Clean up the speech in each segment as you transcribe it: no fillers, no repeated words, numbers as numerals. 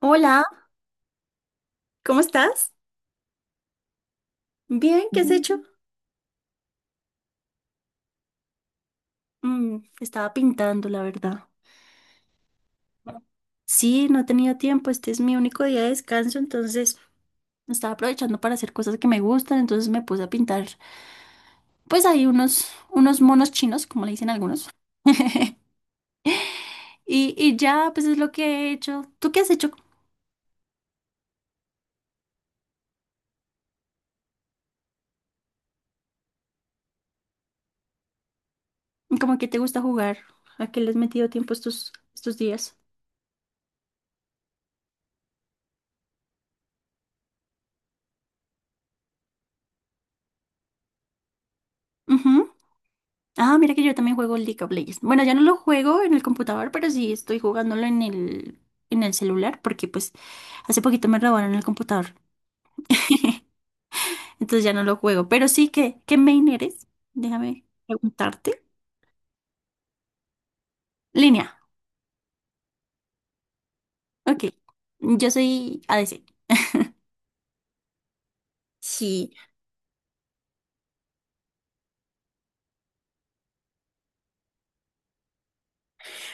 Hola, ¿cómo estás? Bien, ¿qué has hecho? Bien. Estaba pintando, la verdad. Sí, no tenía tiempo, este es mi único día de descanso, entonces estaba aprovechando para hacer cosas que me gustan, entonces me puse a pintar, pues hay unos monos chinos, como le dicen algunos, y ya, pues es lo que he hecho. ¿Tú qué has hecho? ¿Cómo que te gusta jugar? ¿A qué le has metido tiempo estos días? Ah, mira que yo también juego League of Legends. Bueno, ya no lo juego en el computador, pero sí estoy jugándolo en el celular, porque pues hace poquito me robaron el computador. Entonces ya no lo juego. Pero sí que, ¿qué main eres? Déjame preguntarte. Línea. Ok. Yo soy a ADC. Sí.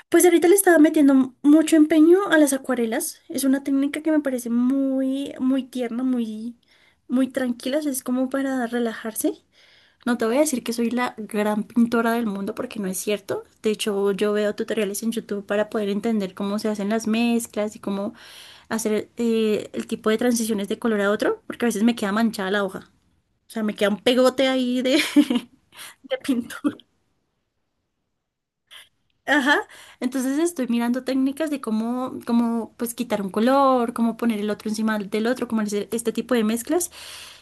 Pues ahorita le estaba metiendo mucho empeño a las acuarelas. Es una técnica que me parece muy tierna, muy tranquila. O sea, es como para relajarse. No te voy a decir que soy la gran pintora del mundo porque no es cierto. De hecho, yo veo tutoriales en YouTube para poder entender cómo se hacen las mezclas y cómo hacer el tipo de transiciones de color a otro, porque a veces me queda manchada la hoja. O sea, me queda un pegote ahí de de pintura. Ajá. Entonces estoy mirando técnicas de cómo pues quitar un color, cómo poner el otro encima del otro, cómo hacer este tipo de mezclas,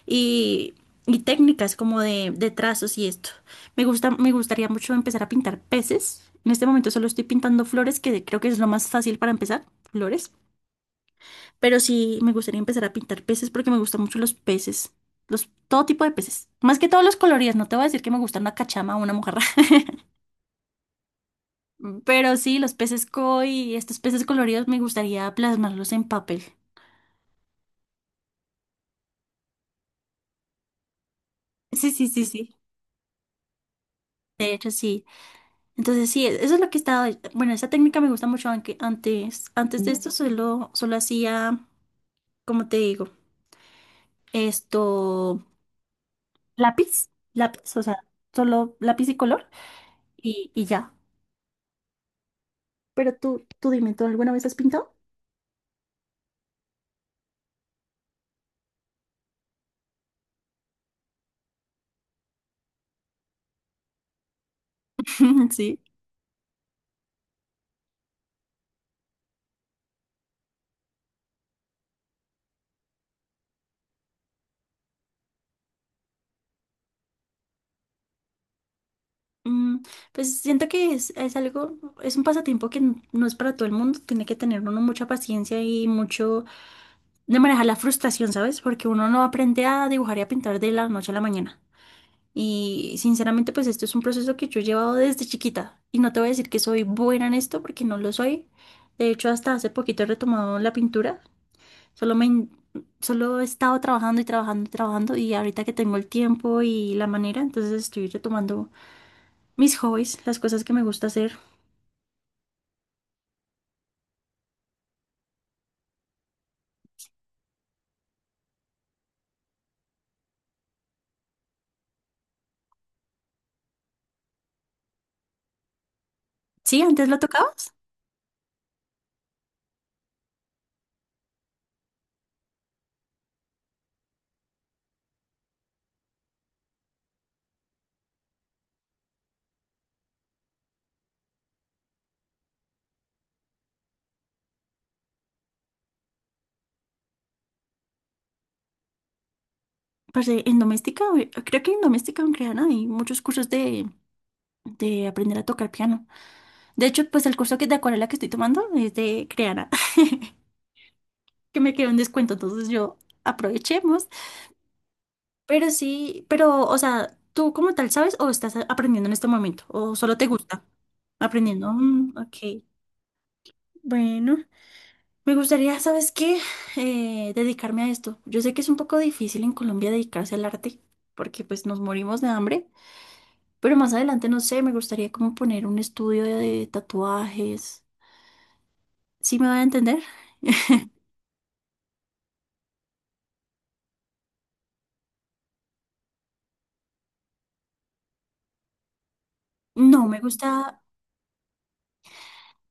y, y técnicas como de trazos y esto. Me gustaría mucho empezar a pintar peces. En este momento solo estoy pintando flores, que creo que es lo más fácil para empezar, flores. Pero sí me gustaría empezar a pintar peces porque me gustan mucho los peces. Los, todo tipo de peces. Más que todos los coloridos. No te voy a decir que me gusta una cachama o una mojarra. Pero sí, los peces koi, estos peces coloridos me gustaría plasmarlos en papel. Sí, sí, sí, sí. De hecho, sí. Entonces sí, eso es lo que estaba, bueno, esa técnica me gusta mucho, aunque antes de esto solo hacía, como te digo, esto, lápiz, o sea, solo lápiz y color y ya. Pero tú dime, ¿tú alguna vez has pintado? Sí. Mm, pues siento que es algo, es un pasatiempo que no es para todo el mundo, tiene que tener uno mucha paciencia y mucho de manejar la frustración, ¿sabes? Porque uno no aprende a dibujar y a pintar de la noche a la mañana. Y sinceramente, pues esto es un proceso que yo he llevado desde chiquita. Y no te voy a decir que soy buena en esto porque no lo soy. De hecho, hasta hace poquito he retomado la pintura. Solo me, in- solo he estado trabajando y trabajando y trabajando. Y ahorita que tengo el tiempo y la manera, entonces estoy retomando mis hobbies, las cosas que me gusta hacer. Sí, antes lo tocabas. Parce, en doméstica, creo que en doméstica en Creana hay muchos cursos de aprender a tocar piano. De hecho, pues el curso que de acuarela que estoy tomando es de Creana, que me quedó un descuento, entonces yo aprovechemos. Pero sí, pero, o sea, ¿tú como tal sabes o estás aprendiendo en este momento? ¿O solo te gusta aprendiendo? Mm, ok, bueno. Me gustaría, ¿sabes qué? Dedicarme a esto. Yo sé que es un poco difícil en Colombia dedicarse al arte, porque pues nos morimos de hambre, pero más adelante, no sé, me gustaría como poner un estudio de tatuajes. ¿Sí me voy a entender? No, me gusta,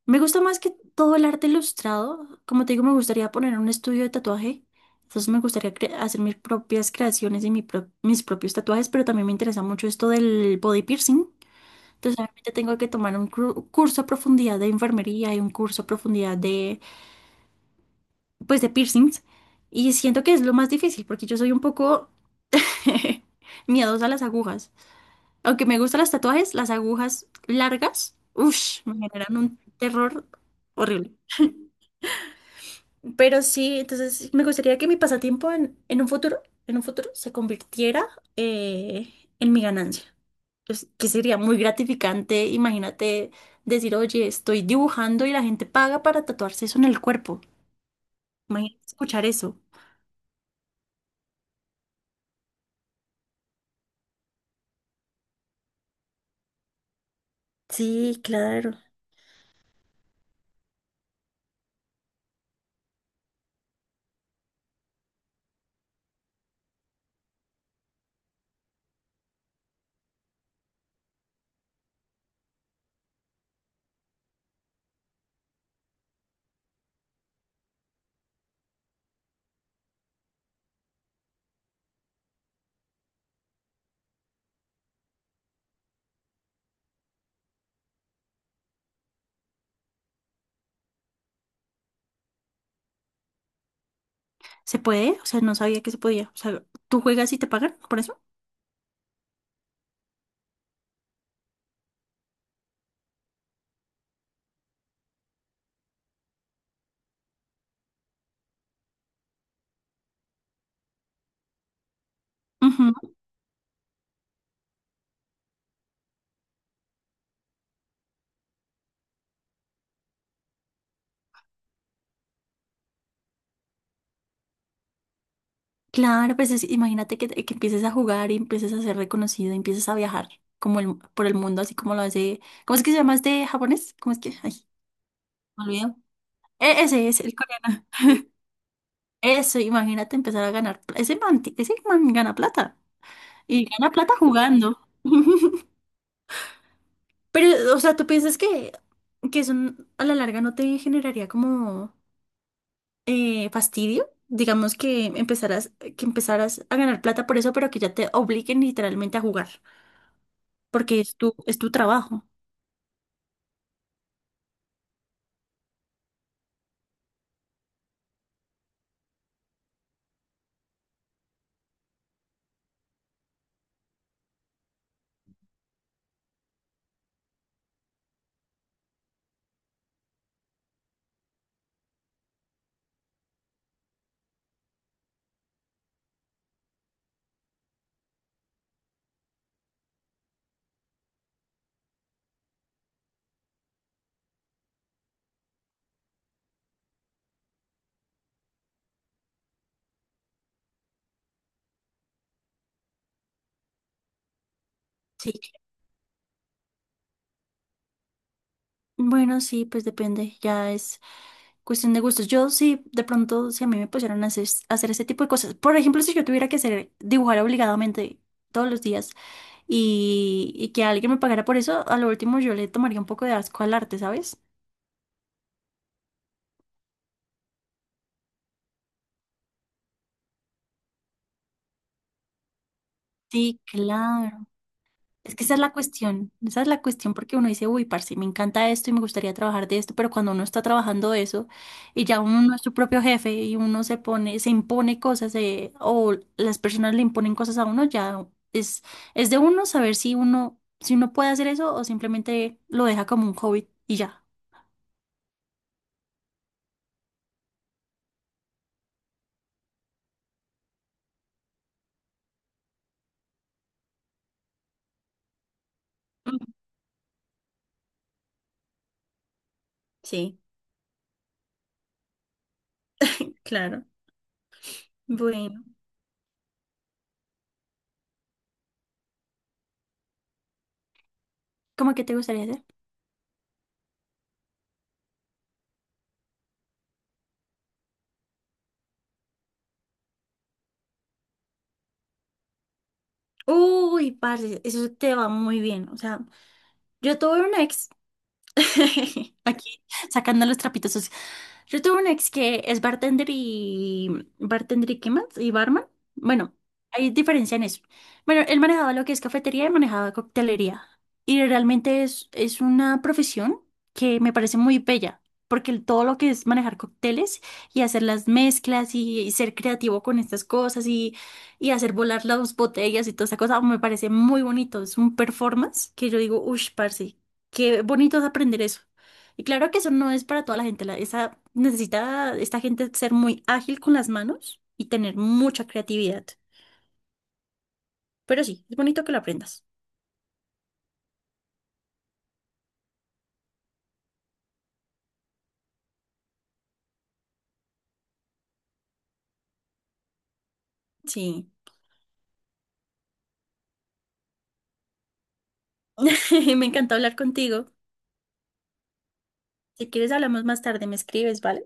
me gusta más que todo el arte ilustrado. Como te digo, me gustaría poner un estudio de tatuaje. Entonces me gustaría hacer mis propias creaciones y mis propios tatuajes, pero también me interesa mucho esto del body piercing. Entonces obviamente tengo que tomar un curso a profundidad de enfermería y un curso a profundidad de, pues, de piercings. Y siento que es lo más difícil porque yo soy un poco miedosa a las agujas. Aunque me gustan los tatuajes, las agujas largas, uff, me generan un terror horrible. Pero sí, entonces me gustaría que mi pasatiempo en un futuro se convirtiera eh, en mi ganancia. Pues, que sería muy gratificante, imagínate decir, oye, estoy dibujando y la gente paga para tatuarse eso en el cuerpo. Imagínate escuchar eso. Sí, claro. ¿Se puede? O sea, no sabía que se podía. O sea, ¿tú juegas y te pagan por eso? Claro, pues imagínate que empieces a jugar y empieces a ser reconocido, y empieces a viajar como por el mundo, así como lo hace. ¿Cómo es que se llama este japonés? ¿Cómo es que? Ay, me olvido. Ese es el coreano. Eso, imagínate empezar a ganar. Ese man, ese man gana plata. Y gana plata jugando. Pero, o sea, ¿tú piensas que eso a la larga no te generaría como fastidio? Digamos que empezarás, que empezaras a ganar plata por eso, pero que ya te obliguen literalmente a jugar. Porque es es tu trabajo. Sí. Bueno, sí, pues depende, ya es cuestión de gustos. Yo sí, de pronto, si a mí me pusieran a hacer ese tipo de cosas, por ejemplo, si yo tuviera que hacer dibujar obligadamente todos los días y que alguien me pagara por eso, a lo último yo le tomaría un poco de asco al arte, ¿sabes? Sí, claro. Es que esa es la cuestión, esa es la cuestión porque uno dice, uy, parce, me encanta esto y me gustaría trabajar de esto, pero cuando uno está trabajando eso y ya uno no es su propio jefe y uno se pone, se impone cosas o las personas le imponen cosas a uno, ya es de uno saber si uno, si uno puede hacer eso o simplemente lo deja como un hobby y ya. Mm, sí, claro. Bueno. ¿Cómo que te gustaría hacer? Uy, parce, eso te va muy bien. O sea, yo tuve un ex. Aquí sacando los trapitos sucios. Yo tuve un ex que es bartender y bartender y qué más y barman. Bueno, hay diferencia en eso. Bueno, él manejaba lo que es cafetería y manejaba coctelería. Y realmente es una profesión que me parece muy bella, porque todo lo que es manejar cócteles y hacer las mezclas y ser creativo con estas cosas y hacer volar las botellas y toda esa cosa, me parece muy bonito. Es un performance que yo digo, uff, parce. Qué bonito es aprender eso. Y claro que eso no es para toda la gente. Necesita esta gente ser muy ágil con las manos y tener mucha creatividad. Pero sí, es bonito que lo aprendas. Sí. Me encantó hablar contigo. Si quieres, hablamos más tarde. Me escribes, ¿vale?